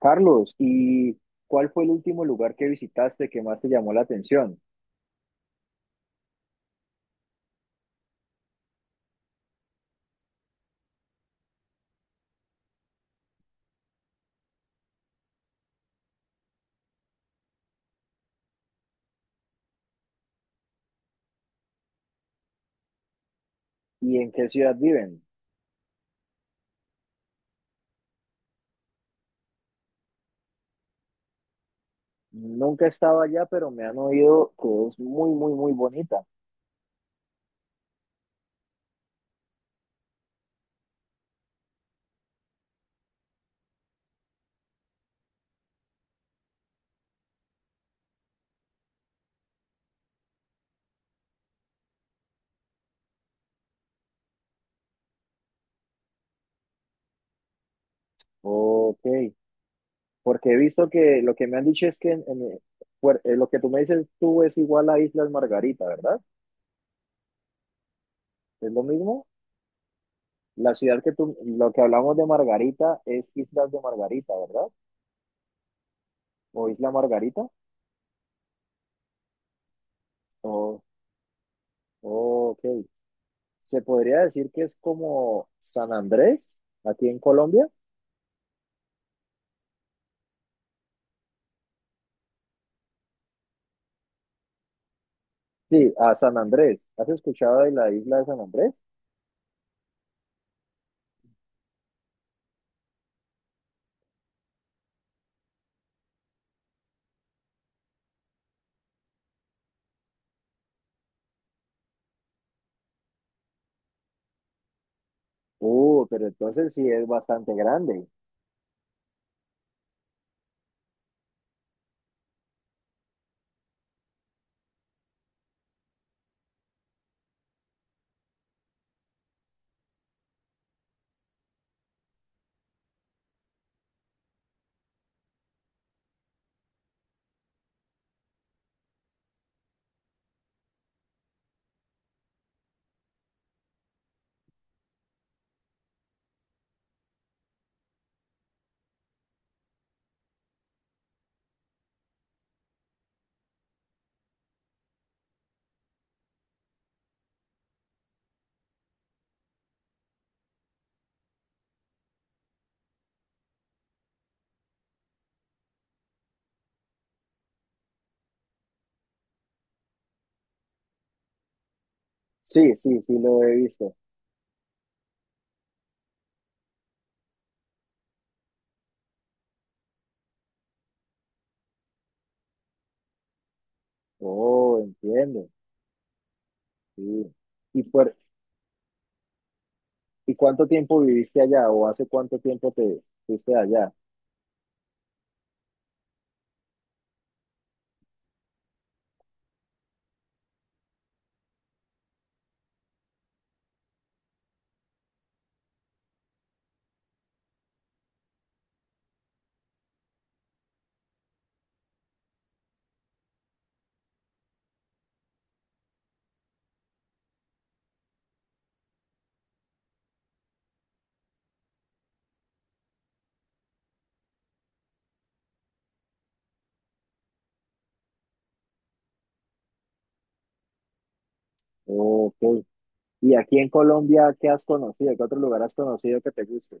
Carlos, ¿y cuál fue el último lugar que visitaste que más te llamó la atención? ¿Y en qué ciudad viven? Nunca he estado allá, pero me han oído que es muy, muy, muy bonita. Ok, porque he visto que lo que me han dicho es que lo que tú me dices tú es igual a Islas Margarita, ¿verdad? ¿Es lo mismo? La ciudad que tú, lo que hablamos de Margarita es Islas de Margarita, ¿verdad? ¿O Isla Margarita? Oh, ok. Se podría decir que es como San Andrés, aquí en Colombia. Sí, a San Andrés. ¿Has escuchado de la isla de San Andrés? Pero entonces sí es bastante grande. Sí, sí, sí lo he visto. Oh, entiendo. Sí. ¿Y y cuánto tiempo viviste allá o hace cuánto tiempo te fuiste allá? Ok. ¿Y aquí en Colombia qué has conocido? ¿Qué otro lugar has conocido que te guste?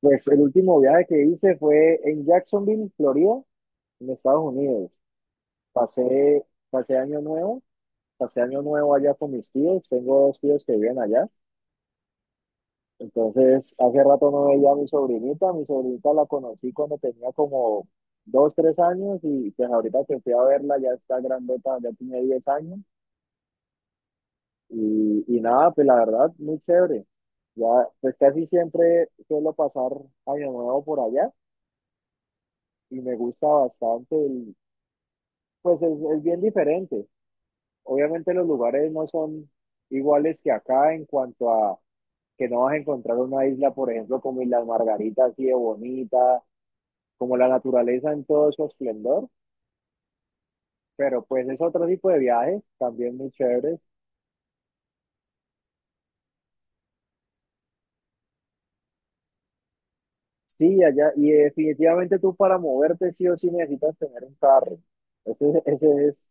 Pues el último viaje que hice fue en Jacksonville, Florida, en Estados Unidos. Pasé año nuevo, pasé año nuevo allá con mis tíos, tengo dos tíos que viven allá, entonces hace rato no veía a mi sobrinita la conocí cuando tenía como dos, tres años y pues ahorita que fui a verla ya está grandota, ya tiene 10 años y nada, pues la verdad, muy chévere. Ya, pues casi siempre suelo pasar año nuevo por allá y me gusta bastante, pues es bien diferente. Obviamente los lugares no son iguales que acá en cuanto a que no vas a encontrar una isla, por ejemplo, como Islas Margaritas, así de bonita, como la naturaleza en todo su esplendor, pero pues es otro tipo de viaje, también muy chévere. Sí, allá, y definitivamente tú para moverte sí o sí necesitas tener un carro. Ese, ese es,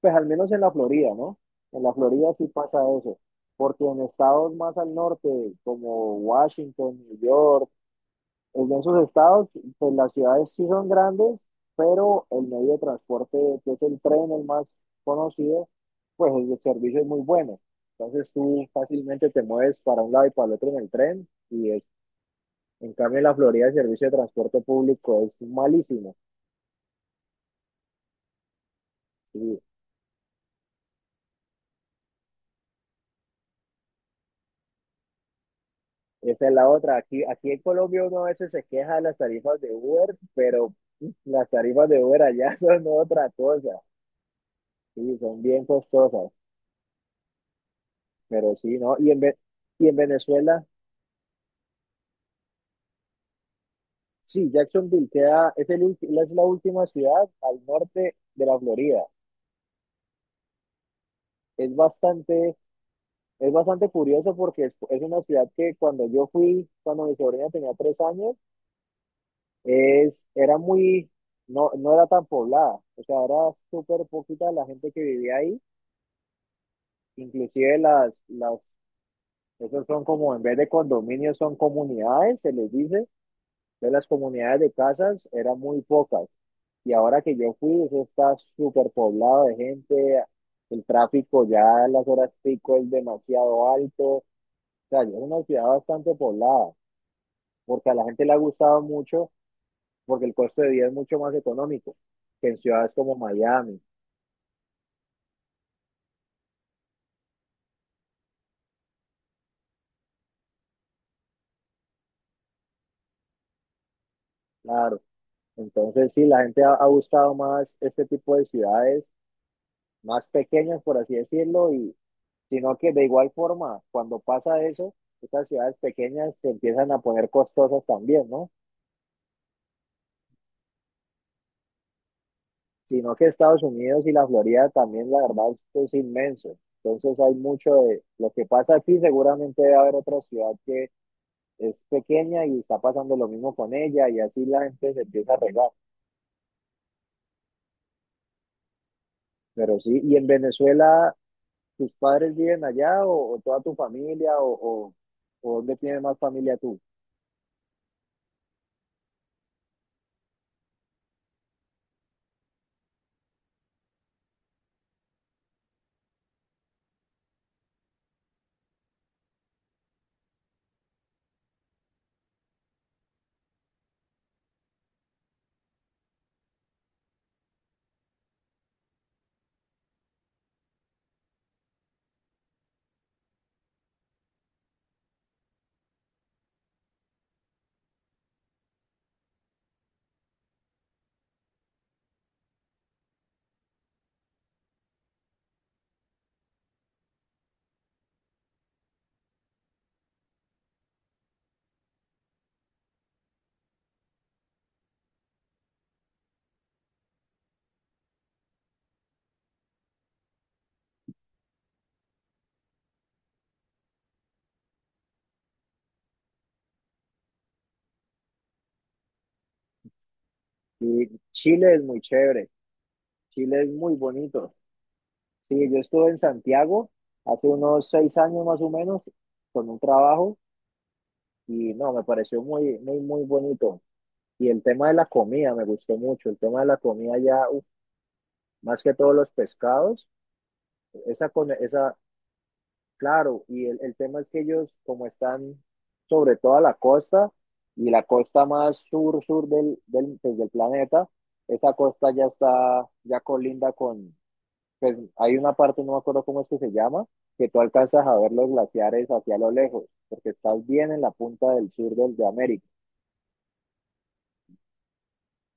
pues al menos en la Florida, ¿no? En la Florida sí pasa eso, porque en estados más al norte, como Washington, New York, en esos estados, pues las ciudades sí son grandes, pero el medio de transporte, que es el tren, el más conocido, pues el servicio es muy bueno. Entonces tú fácilmente te mueves para un lado y para el otro en el tren en cambio en la Florida el servicio de transporte público es malísimo. Y esa es la otra. Aquí en Colombia uno a veces se queja de las tarifas de Uber, pero las tarifas de Uber allá son otra cosa. Sí, son bien costosas, pero sí, ¿no? Y en Venezuela... Sí, Jacksonville queda, es la última ciudad al norte de la Florida. Es bastante, es bastante curioso porque es una ciudad que cuando yo fui, cuando mi sobrina tenía 3 años, era muy, no era tan poblada. O sea, era súper poquita la gente que vivía ahí. Inclusive esos son como, en vez de condominios, son comunidades, se les dice. De las comunidades de casas, eran muy pocas. Y ahora que yo fui, eso está súper poblado de gente, el tráfico ya a las horas pico es demasiado alto, o sea, es una ciudad bastante poblada, porque a la gente le ha gustado mucho, porque el costo de vida es mucho más económico que en ciudades como Miami, claro. Entonces, sí, ha gustado más este tipo de ciudades más pequeñas, por así decirlo, y sino que de igual forma, cuando pasa eso, estas ciudades pequeñas se empiezan a poner costosas también, ¿no? Sino que Estados Unidos y la Florida también, la verdad, esto es inmenso. Entonces hay mucho de lo que pasa aquí, seguramente debe haber otra ciudad que es pequeña y está pasando lo mismo con ella y así la gente se empieza a regar. Pero sí, ¿y en Venezuela tus padres viven allá o toda tu familia o dónde tienes más familia tú? Y Chile es muy chévere, Chile es muy bonito. Sí, yo estuve en Santiago hace unos 6 años más o menos con un trabajo. Y no, me pareció muy, muy, muy bonito. Y el tema de la comida me gustó mucho. El tema de la comida ya, uf, más que todos los pescados, esa, con- esa, claro, el tema es que ellos, como están sobre toda la costa, y la costa más sur, sur pues, del planeta, esa costa ya está, ya colinda con, pues hay una parte, no me acuerdo cómo es que se llama, que tú alcanzas a ver los glaciares hacia lo lejos, porque estás bien en la punta del sur de América.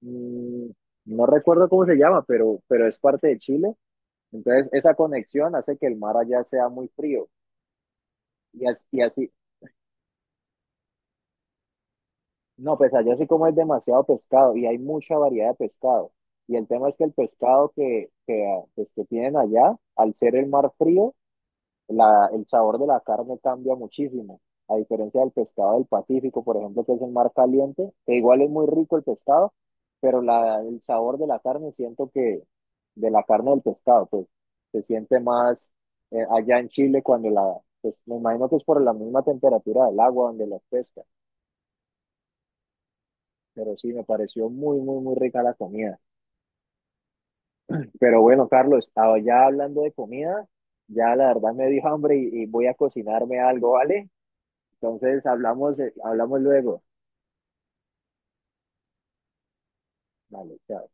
Mm, no recuerdo cómo se llama, pero es parte de Chile. Entonces, esa conexión hace que el mar allá sea muy frío. Y así, y así, no, pues allá sí como es demasiado pescado y hay mucha variedad de pescado. Y el tema es que el pescado que, ah, pues, que tienen allá, al ser el mar frío, el sabor de la carne cambia muchísimo, a diferencia del pescado del Pacífico, por ejemplo, que es el mar caliente, que igual es muy rico el pescado, pero el sabor de la carne siento que, de la carne del pescado, pues se siente más allá en Chile pues me imagino que es por la misma temperatura del agua donde las pesca, pero sí, me pareció muy, muy, muy rica la comida. Pero bueno, Carlos, ah, ya hablando de comida, ya la verdad me dio hambre y voy a cocinarme algo, ¿vale? Entonces hablamos luego. Vale, chao.